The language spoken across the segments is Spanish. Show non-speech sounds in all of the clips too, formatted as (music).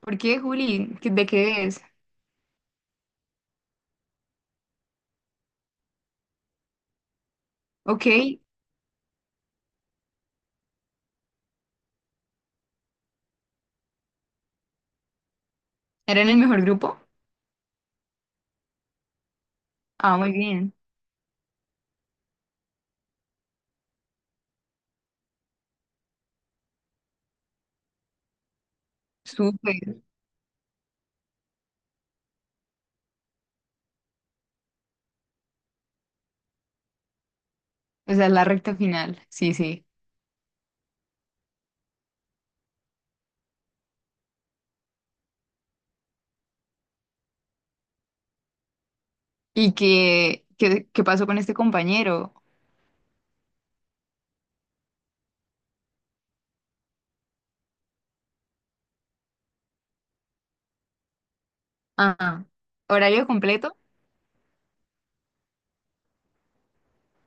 ¿Por qué, Juli? ¿Qué- ¿De qué es? Ok, ¿era en el mejor grupo? Ah, muy bien. Súper. O sea, la recta final. Sí, sí. ¿Y qué pasó con este compañero? Ah, horario completo.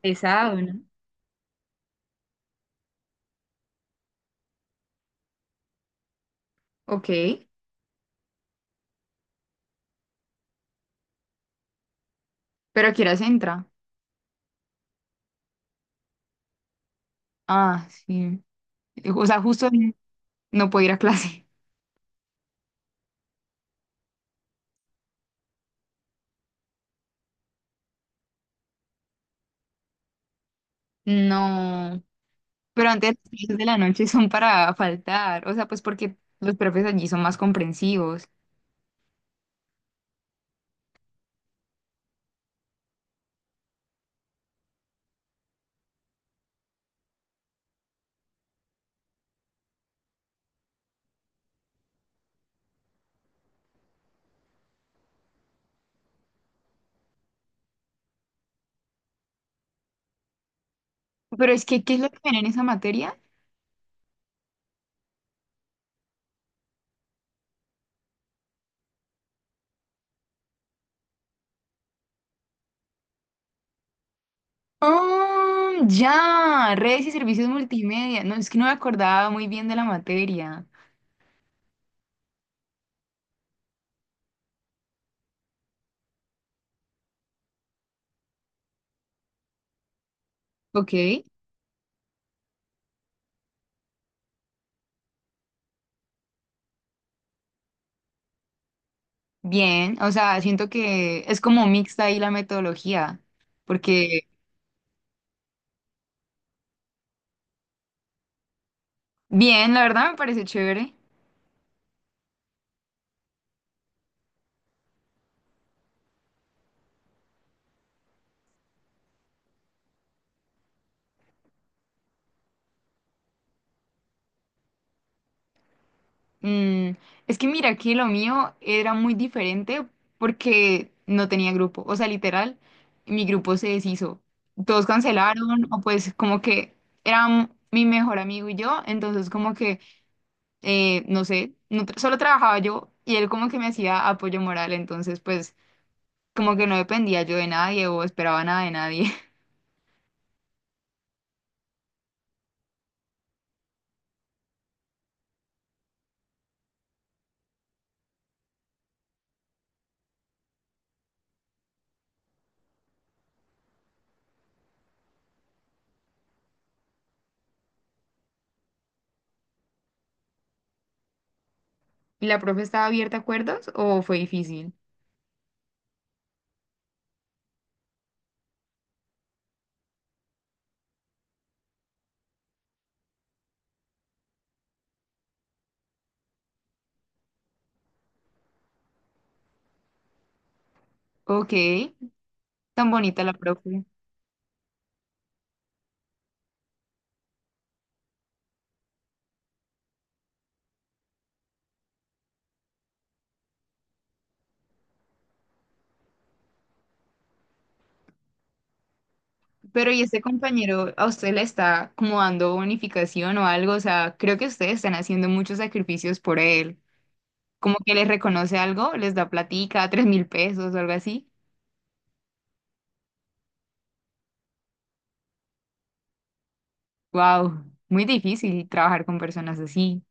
Pesado, ¿no? Ok. ¿Pero a qué horas entra? Ah, sí. O sea, justo no puedo ir a clase. (laughs) No. Pero antes las clases de la noche son para faltar. O sea, pues porque los profes allí son más comprensivos. Pero es que, ¿qué es lo que ven en esa materia? Ah, ya, redes y servicios multimedia. No, es que no me acordaba muy bien de la materia. Ok, bien, o sea, siento que es como mixta ahí la metodología, porque bien, la verdad me parece chévere. Mm, es que mira, que lo mío era muy diferente porque no tenía grupo, o sea, literal, mi grupo se deshizo. Todos cancelaron, o pues como que era mi mejor amigo y yo, entonces como que... no sé, no tra- solo trabajaba yo y él como que me hacía apoyo moral, entonces pues como que no dependía yo de nadie o esperaba nada de nadie. (laughs) ¿Y la profe estaba abierta a acuerdos o fue difícil? Ok, tan bonita la profe. Pero ¿y este compañero a usted le está como dando bonificación o algo? O sea, creo que ustedes están haciendo muchos sacrificios por él. Como que les reconoce algo, les da platica, 3.000 pesos o algo así. Wow, muy difícil trabajar con personas así.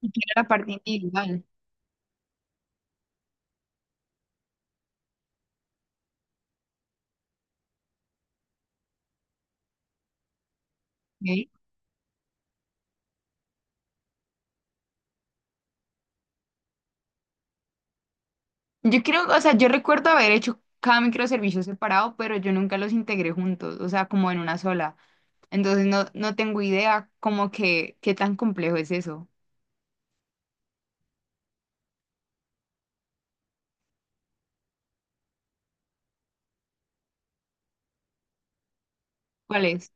Y quiero la parte individual. ¿Ok? Yo creo, o sea, yo recuerdo haber hecho cada microservicio separado, pero yo nunca los integré juntos, o sea, como en una sola. Entonces no, no tengo idea como que qué tan complejo es eso. ¿Cuál es?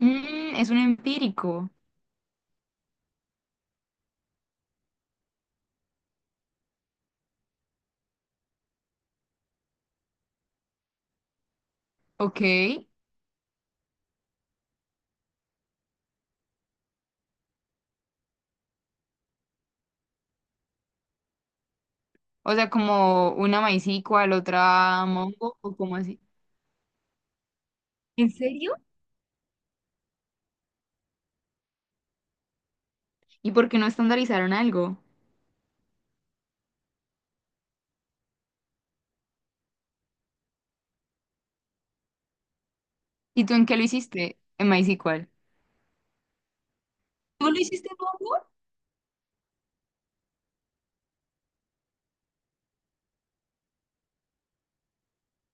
Mm, es un empírico, ok. O sea, como una MySQL, otra Mongo, o como así. ¿En serio? ¿Y por qué no estandarizaron algo? ¿Y tú en qué lo hiciste? En MySQL. ¿Tú lo hiciste en Mongo?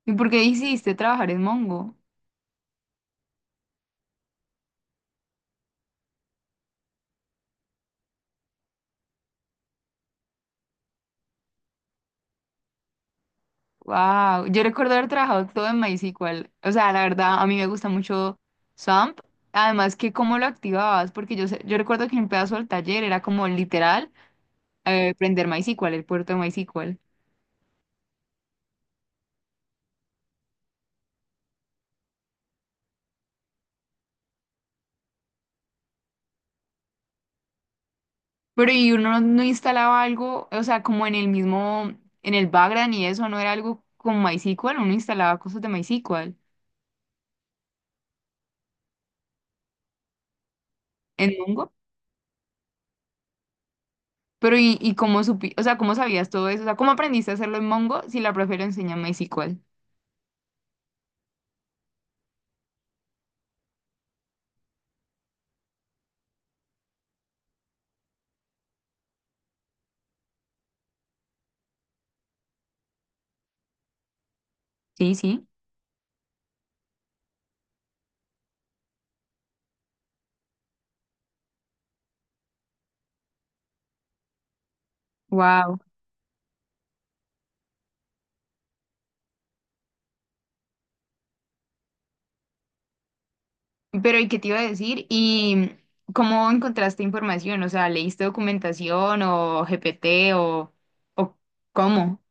¿Y por qué hiciste trabajar en Mongo? Wow, yo recuerdo haber trabajado todo en MySQL. O sea, la verdad, a mí me gusta mucho SAMP. Además, que cómo lo activabas, porque yo, sé- yo recuerdo que en un pedazo del taller era como literal prender MySQL, el puerto de MySQL. Pero y uno no instalaba algo, o sea, como en el mismo, en el background y eso, no era algo con MySQL, uno instalaba cosas de MySQL en Mongo. Pero y cómo supi, o sea, cómo sabías todo eso, o sea, cómo aprendiste a hacerlo en Mongo si la profe lo enseña en MySQL. Sí, sí. Wow. Pero, ¿y qué te iba a decir? ¿Y cómo encontraste información? O sea, ¿leíste documentación o GPT o cómo?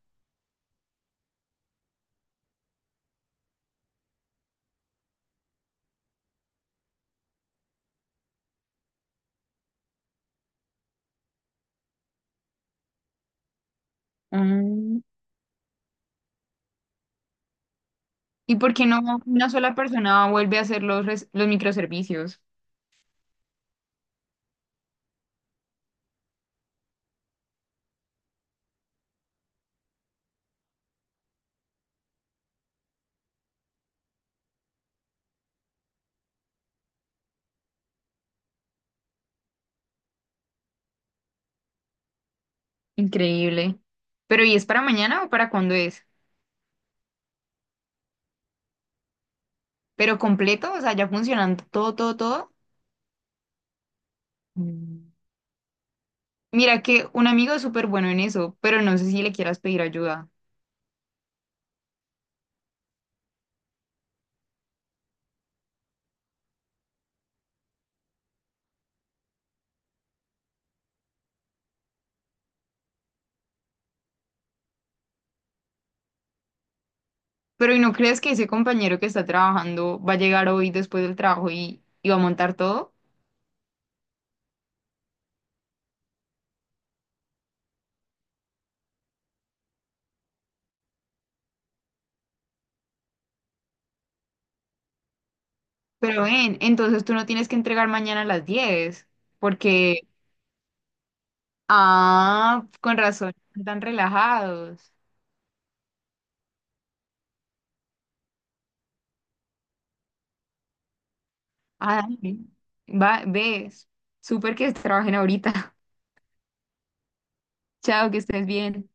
Mm. ¿Y por qué no una sola persona vuelve a hacer los, res- los microservicios? Increíble. Pero, ¿y es para mañana o para cuándo es? ¿Pero completo? O sea, ya funcionando todo, todo, todo. Mm. Mira que un amigo es súper bueno en eso, pero no sé si le quieras pedir ayuda. Pero ¿y no crees que ese compañero que está trabajando va a llegar hoy después del trabajo y va a montar todo? Pero ven, entonces tú no tienes que entregar mañana a las 10, porque, ah, con razón, están relajados. Ah, dale. Va, ves, súper que trabajen ahorita. (laughs) Chao, que estés bien.